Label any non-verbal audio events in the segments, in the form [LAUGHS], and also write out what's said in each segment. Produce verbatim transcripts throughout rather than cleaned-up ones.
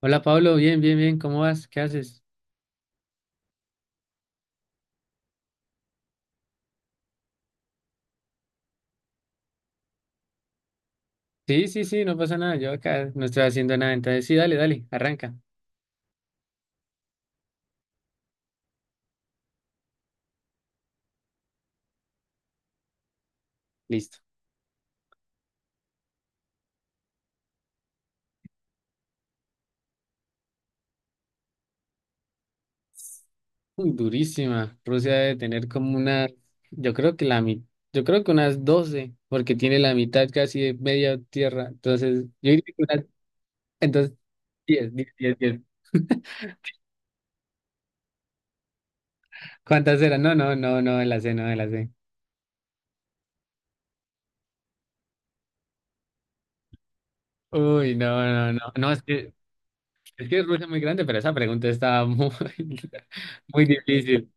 Hola Pablo, bien, bien, bien, ¿cómo vas? ¿Qué haces? Sí, sí, sí, no pasa nada, yo acá no estoy haciendo nada, entonces sí, dale, dale, arranca, listo. Uy, durísima, Rusia debe tener como una, yo creo que la mi- yo creo que unas doce, porque tiene la mitad casi de media tierra, entonces yo diría que unas, entonces diez, diez, diez. 10. ¿Cuántas eran? No, no, no, no, de la C, no, de la C. Uy, no, no, no, no, es que, es que Rusia es muy grande, pero esa pregunta estaba muy, [LAUGHS] muy difícil.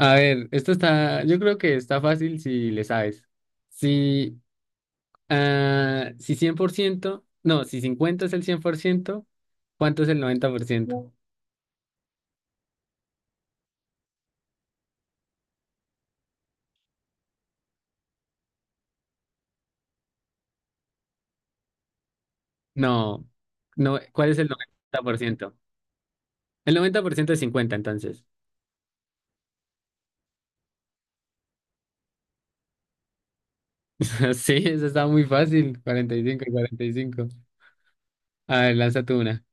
A ver, esto está, yo creo que está fácil si le sabes. Si, ah, si cien por ciento, no, si cincuenta es el cien por ciento, ¿cuánto es el noventa por ciento? No, no, ¿cuál es el noventa por ciento? El noventa por ciento es cincuenta, entonces. [LAUGHS] Sí, eso está muy fácil, cuarenta y cinco y y cuarenta y cinco. A ver, lanza tú una.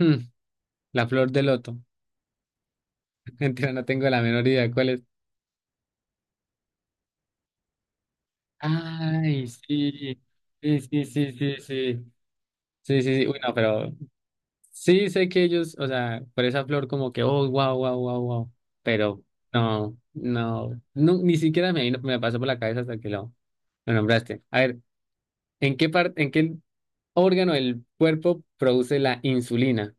Hmm, la flor de loto. [LAUGHS] Mentira, no tengo la menor idea cuál es. Ay, sí, sí, sí, sí, sí, sí. Sí, sí, sí. Bueno, pero sí, sé que ellos, o sea, por esa flor como que, oh, wow, wow, wow, wow, pero no, no, no, ni siquiera me, vino- me pasó por la cabeza hasta que lo, lo nombraste. A ver, ¿en qué parte, ¿en qué órgano del cuerpo produce la insulina?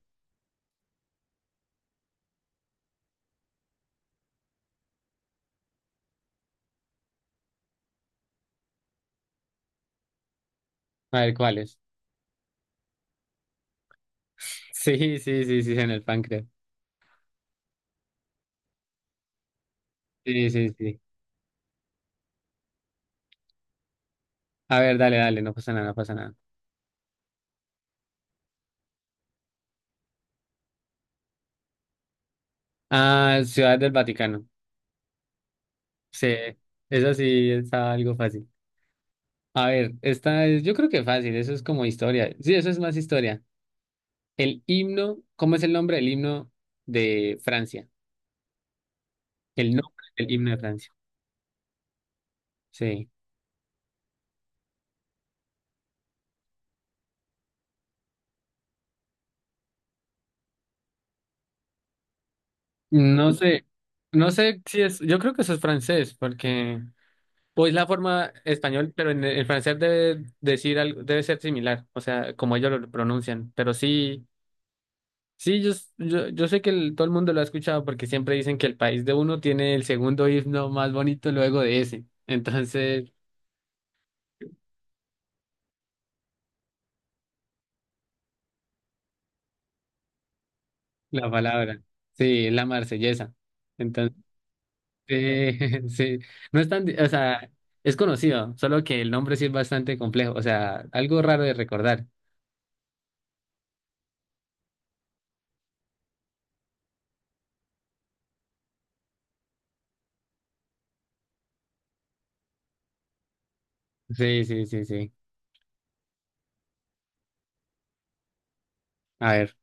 A ver, ¿cuál es? [LAUGHS] Sí, sí, sí, sí, en el páncreas. Sí, sí, sí. A ver, dale, dale, no pasa nada, no pasa nada. Ah, Ciudad del Vaticano. Sí, eso sí está algo fácil. A ver, esta es, yo creo que fácil, eso es como historia. Sí, eso es más historia. El himno, ¿cómo es el nombre del himno de Francia? El nombre del himno de Francia. Sí. No sé, no sé si es, yo creo que eso es francés, porque pues la forma español, pero en, el francés debe decir algo, debe ser similar, o sea, como ellos lo pronuncian. Pero sí, sí, yo, s- yo, yo sé que el- todo el mundo lo ha escuchado porque siempre dicen que el país de uno tiene el segundo himno más bonito luego de ese. Entonces, la palabra, sí, es la marsellesa. Sí, [LAUGHS] sí. No es tan, di- o sea, es conocido, solo que el nombre sí es bastante complejo, o sea, algo raro de recordar. Sí, sí, sí, sí. A ver.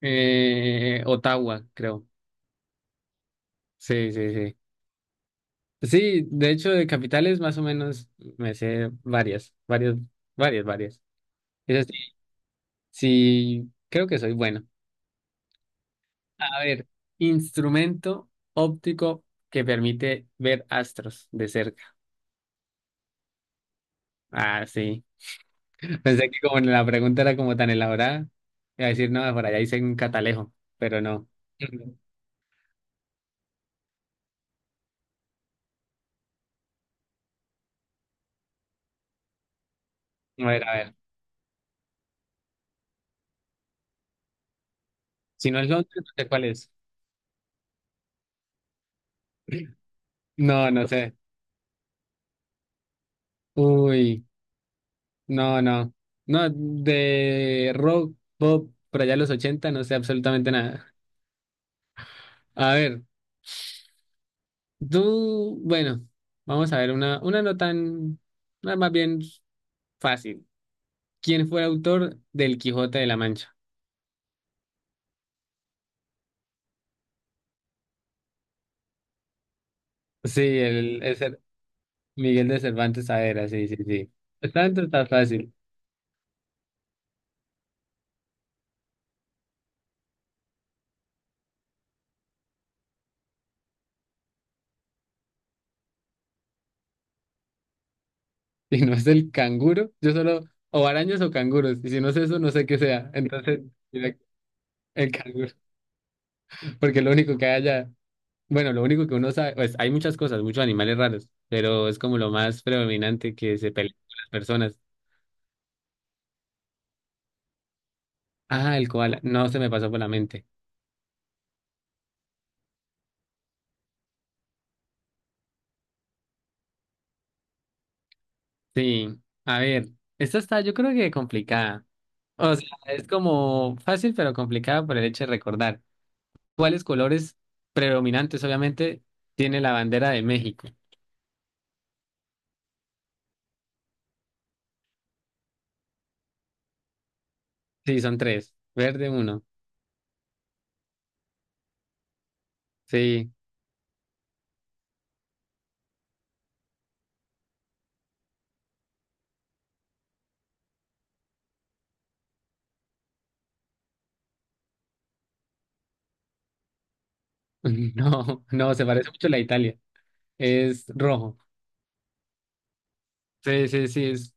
Eh, Ottawa, creo. Sí, sí, sí. Sí, de hecho, de capitales más o menos me sé varias, varias, varias, varias. Es así. Sí, creo que soy bueno. A ver, instrumento óptico que permite ver astros de cerca. Ah, sí. Pensé que como la pregunta era como tan elaborada, iba a decir, no, por allá hice un catalejo, pero no. Ujú. A ver, a ver. Si no es Londres, no sé cuál es. No, no sé. Uy, no, no. No, de rock, pop, por allá los ochenta no sé absolutamente nada. A ver, tú, bueno, vamos a ver una, una no tan, una más bien fácil. ¿Quién fue el autor del Quijote de la Mancha? Sí, el, ese Miguel de Cervantes Saavedra, sí, sí, sí. Está dentro, está fácil. [LAUGHS] Si no es el canguro, yo solo, o arañas o canguros, y si no es eso, no sé qué sea. Entonces, mira, el canguro, [LAUGHS] porque lo único que haya. Bueno, lo único que uno sabe, pues hay muchas cosas, muchos animales raros, pero es como lo más predominante que se pelean con las personas. Ah, el koala, no se me pasó por la mente. Sí, a ver, esta está yo creo que complicada. O sea, es como fácil, pero complicada por el hecho de recordar. ¿Cuáles colores predominantes, obviamente, tiene la bandera de México? Sí, son tres. Verde, uno. Sí. [LAUGHS] No, no, se parece mucho a la de Italia. Es rojo. Sí, sí, sí, es,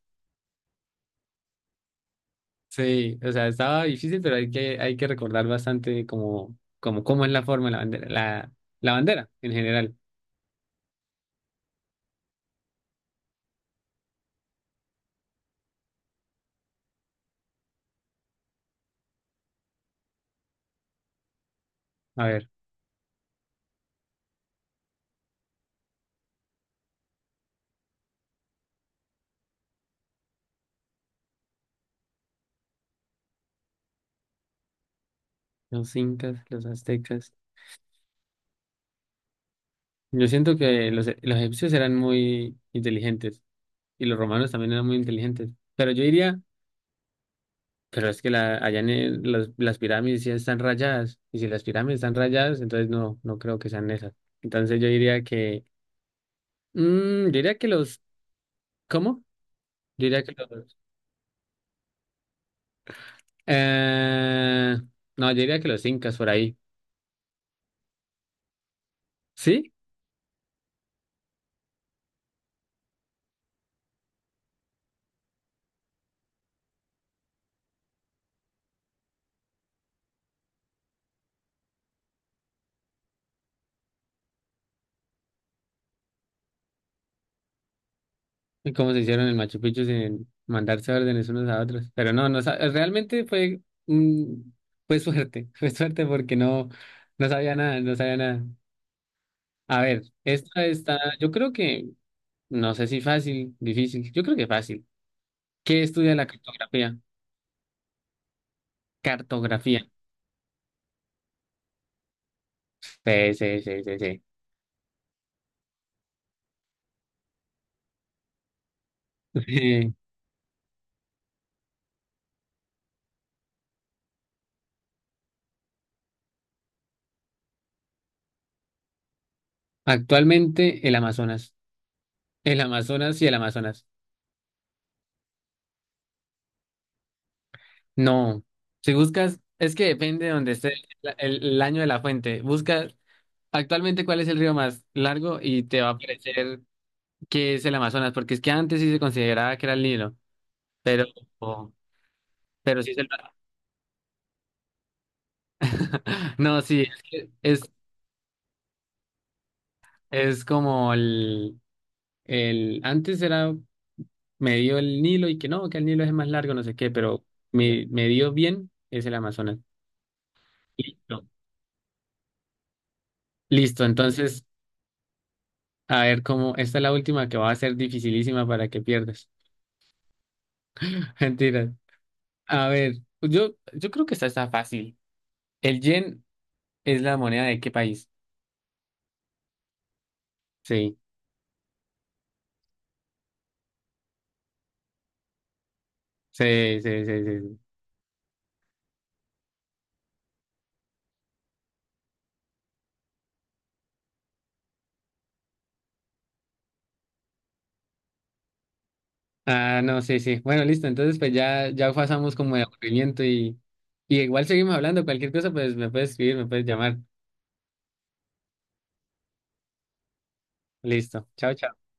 sí. O sea, estaba difícil, pero hay que, hay que recordar bastante como, como, cómo es la forma de la bandera, la, la bandera en general. A ver, los incas, los aztecas. Yo siento que los, los egipcios eran muy inteligentes y los romanos también eran muy inteligentes. Pero yo diría... Pero es que la, allá en el- las, las pirámides sí están rayadas. Y si las pirámides están rayadas, entonces no, no creo que sean esas. Entonces yo diría que. mm, yo diría que los. ¿Cómo? Yo diría que los. Eh, no, yo diría que los incas por ahí. ¿Sí? Y cómo se hicieron el Machu Picchu sin mandarse órdenes unos a otros. Pero no, no sa- realmente fue. mm, fue suerte. [LAUGHS] Fue suerte porque no, no sabía nada, no sabía nada. A ver, esta está. Yo creo que. No sé si fácil, difícil. Yo creo que fácil. ¿Qué estudia la cartografía? Cartografía. Sí, sí, sí, sí, sí. [LAUGHS] Eh, actualmente el Amazonas. El Amazonas y el Amazonas. No. Si buscas, es que depende de donde esté la- el, el año de la fuente. Busca actualmente cuál es el río más largo y te va a aparecer que es el Amazonas, porque es que antes sí se consideraba que era el Nilo, pero, pero sí es el... [LAUGHS] No, sí, es que es, es como el... El, antes era me dio el Nilo y que no, que el Nilo es más largo, no sé qué, pero me, me dio bien es el Amazonas. Listo. Listo, entonces, a ver cómo, esta es la última que va a ser dificilísima para que pierdas. [LAUGHS] Mentiras. A ver, pues yo, yo creo que esta está fácil. ¿El yen es la moneda de qué país? Sí, sí, sí, sí, sí. Sí. Ah, no, sí, sí. Bueno, listo, entonces pues ya, ya pasamos como de aburrimiento y, y igual seguimos hablando, cualquier cosa, pues me puedes escribir, me puedes llamar. Listo, chao, chao.